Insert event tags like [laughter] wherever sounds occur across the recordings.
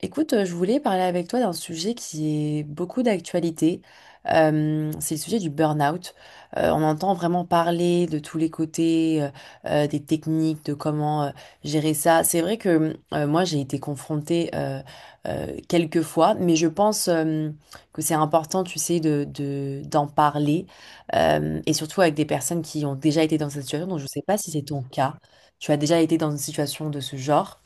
Écoute, je voulais parler avec toi d'un sujet qui est beaucoup d'actualité. C'est le sujet du burn-out. On entend vraiment parler de tous les côtés, des techniques, de comment gérer ça. C'est vrai que moi, j'ai été confrontée quelques fois, mais je pense que c'est important, tu sais, d'en parler, et surtout avec des personnes qui ont déjà été dans cette situation. Donc, je ne sais pas si c'est ton cas. Tu as déjà été dans une situation de ce genre.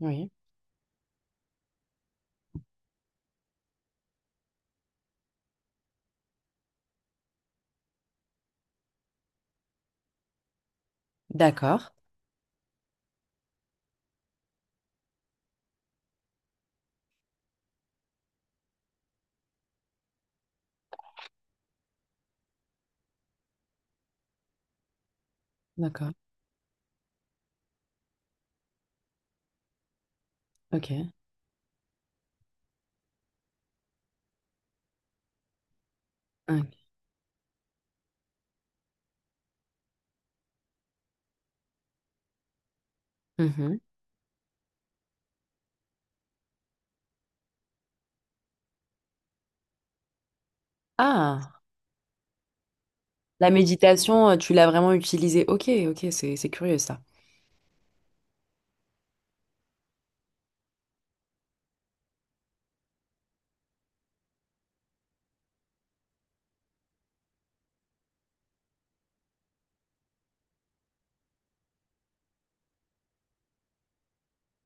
Oui, d'accord, d'accord. OK. OK. Mmh. Ah! La méditation, tu l'as vraiment utilisée. OK, OK, c'est curieux ça.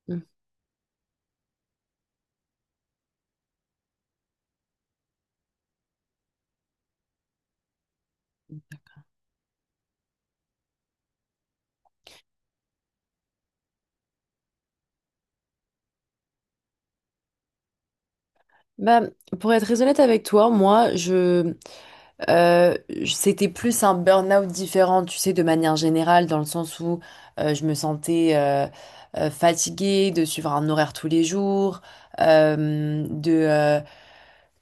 Mmh. Bah, pour être très honnête avec toi, moi, je, j c'était plus un burn-out différent, tu sais, de manière générale, dans le sens où, je me sentais, fatiguée de suivre un horaire tous les jours, hem, de, euh,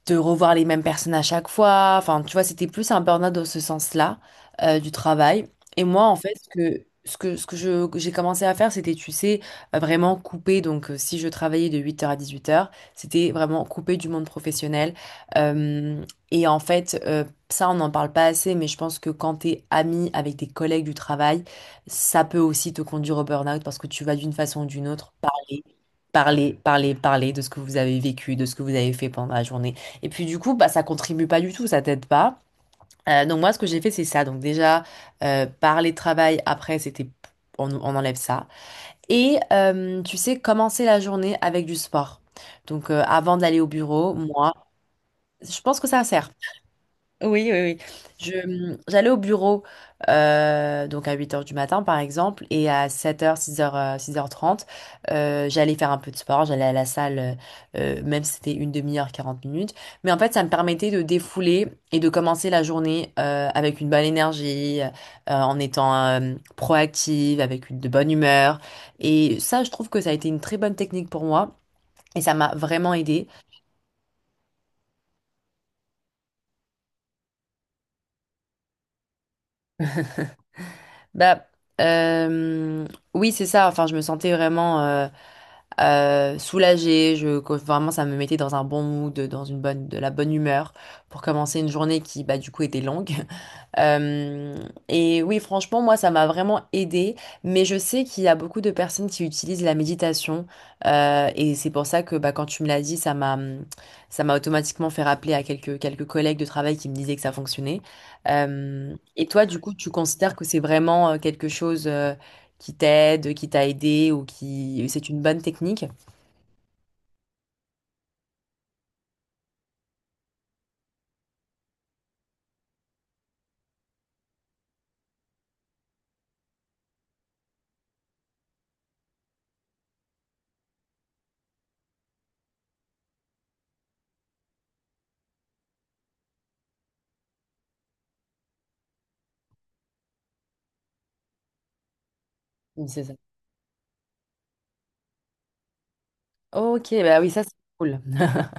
de revoir les mêmes personnes à chaque fois. Enfin, tu vois, c'était plus un burn-out dans ce sens-là, du travail. Et moi, en fait, que j'ai commencé à faire, c'était, tu sais, vraiment couper. Donc, si je travaillais de 8 heures à 18 heures, c'était vraiment couper du monde professionnel. Euh, et en fait, ça, on n'en parle pas assez, mais je pense que quand t'es ami avec tes collègues du travail, ça peut aussi te conduire au burn-out parce que tu vas d'une façon ou d'une autre parler. Parler, parler, parler de ce que vous avez vécu, de ce que vous avez fait pendant la journée. Et puis du coup, bah, ça contribue pas du tout, ça t'aide pas. Donc moi, ce que j'ai fait, c'est ça. Donc déjà, parler de travail, après, c'était. On enlève ça. Et tu sais, commencer la journée avec du sport. Donc avant d'aller au bureau, moi, je pense que ça sert. Oui, oui, oui. J'allais au bureau donc à huit heures du matin par exemple et à 7h, 6h, 6h30, j'allais faire un peu de sport, j'allais à la salle même si c'était une demi-heure, 40 minutes. Mais en fait, ça me permettait de défouler et de commencer la journée avec une bonne énergie, en étant proactive, avec une de bonne humeur. Et ça, je trouve que ça a été une très bonne technique pour moi et ça m'a vraiment aidée. Bah, euh, oui, c'est ça. Enfin, je me sentais vraiment soulagée. Que vraiment, ça me mettait dans un bon mood, dans de la bonne humeur pour commencer une journée qui, bah, du coup, était longue. [laughs] Euh, et oui, franchement, moi, ça m'a vraiment aidée. Mais je sais qu'il y a beaucoup de personnes qui utilisent la méditation. Et c'est pour ça que bah, quand tu me l'as dit, ça m'a automatiquement fait rappeler à quelques collègues de travail qui me disaient que ça fonctionnait. Et toi, du coup, tu considères que c'est vraiment quelque chose qui t'aide, qui t'a aidé ou qui. C'est une bonne technique? Oui, c'est ça. Ok, bah oui, ça, c'est cool. [laughs]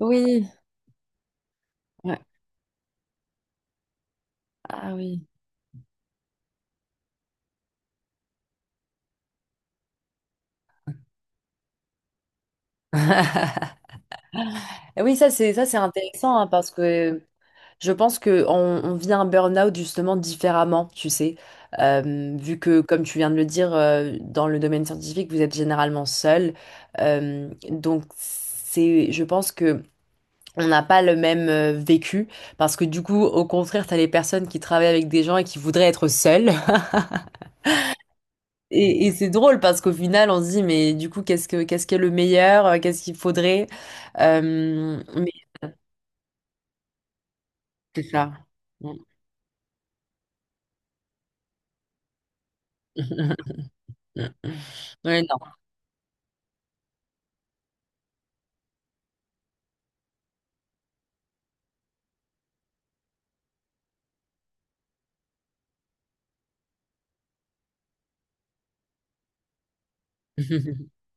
Oui. Ouais. Ah oui. [laughs] Oui, ça c'est intéressant hein, parce que je pense que on vit un burn-out justement différemment, tu sais. Vu que, comme tu viens de le dire, dans le domaine scientifique, vous êtes généralement seul. Donc, c'est, je pense que on n'a pas le même vécu, parce que du coup, au contraire, tu as les personnes qui travaillent avec des gens et qui voudraient être seules. [laughs] Et c'est drôle parce qu'au final, on se dit, mais du coup, qu'est-ce qui est le meilleur? Qu'est-ce qu'il faudrait? Mais c'est ça. [laughs] Ouais, non. [laughs]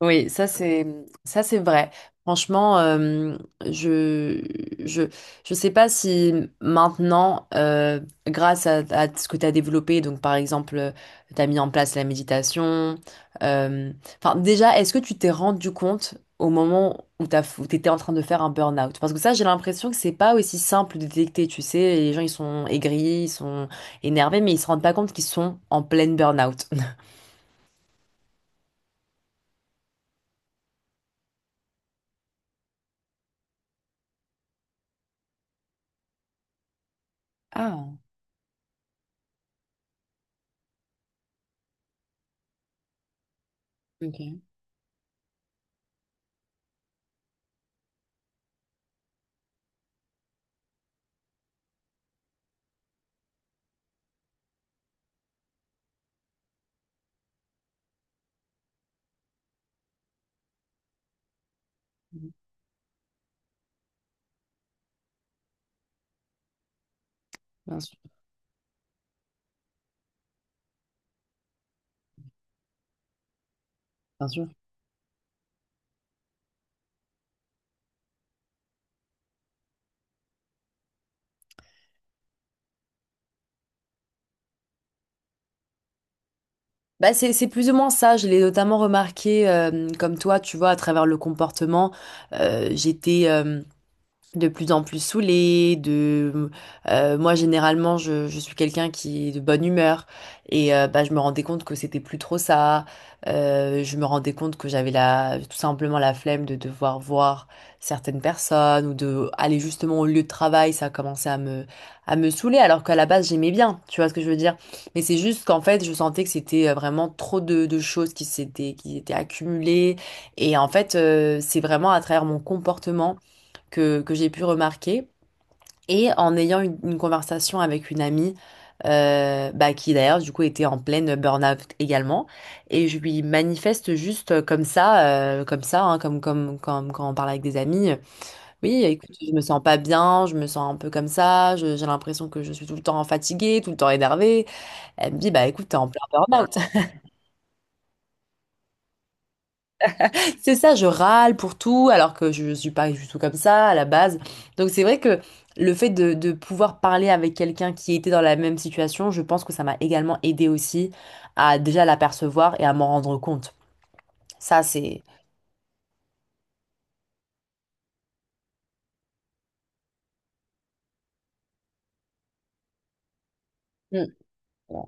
Oui, ça c'est vrai. Franchement, je je je sais pas si maintenant, grâce à ce que tu as développé, donc par exemple, tu as mis en place la méditation. euh, Enfin, déjà, est-ce que tu t'es rendu compte au moment où où t'étais en train de faire un burn-out? Parce que ça, j'ai l'impression que c'est pas aussi simple de détecter. Tu sais, les gens ils sont aigris, ils sont énervés, mais ils se rendent pas compte qu'ils sont en pleine burn-out. [laughs] Ah, ok. Bien sûr, bien sûr. Bah c'est plus ou moins ça. Je l'ai notamment remarqué, comme toi, tu vois, à travers le comportement. J'étais, de plus en plus saoulée, de moi généralement je suis quelqu'un qui est de bonne humeur et bah, je me rendais compte que c'était plus trop ça. Je me rendais compte que j'avais la tout simplement la flemme de devoir voir certaines personnes ou de aller justement au lieu de travail, ça commençait à me saouler alors qu'à la base j'aimais bien, tu vois ce que je veux dire. Mais c'est juste qu'en fait je sentais que c'était vraiment trop de choses qui étaient accumulées et en fait c'est vraiment à travers mon comportement que j'ai pu remarquer. Et en ayant une conversation avec une amie, bah, qui d'ailleurs du coup était en pleine burn-out également, et je lui manifeste juste comme ça, hein, comme quand on parle avec des amis, oui, écoute, je me sens pas bien, je me sens un peu comme ça, j'ai l'impression que je suis tout le temps fatiguée, tout le temps énervée. Elle me dit, bah écoute, t'es en plein burn-out. C'est ça, je râle pour tout, alors que je suis pas du tout comme ça à la base. Donc c'est vrai que le fait de pouvoir parler avec quelqu'un qui était dans la même situation, je pense que ça m'a également aidé aussi à déjà l'apercevoir et à m'en rendre compte. Ça, c'est. Mm. Ouais,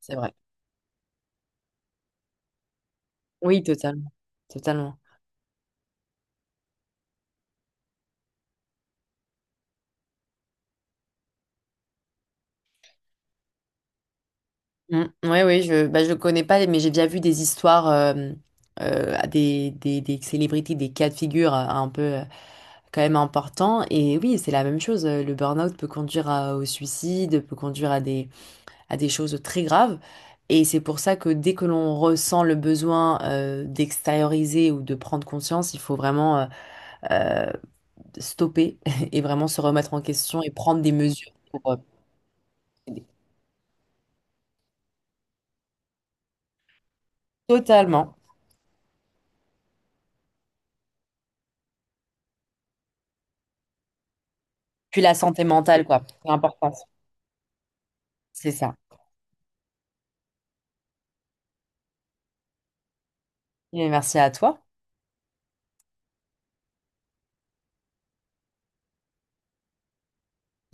c'est vrai. Oui, totalement. Totalement. Mm. Ouais, oui, bah, je connais pas, mais j'ai déjà vu des histoires à des célébrités, des cas de figure un peu quand même importants. Et oui, c'est la même chose. Le burn-out peut conduire au suicide, peut conduire à des choses très graves. Et c'est pour ça que dès que l'on ressent le besoin d'extérioriser ou de prendre conscience, il faut vraiment stopper [laughs] et vraiment se remettre en question et prendre des mesures pour aider. Totalement. Puis la santé mentale, quoi. C'est important. C'est ça. Mais merci à toi.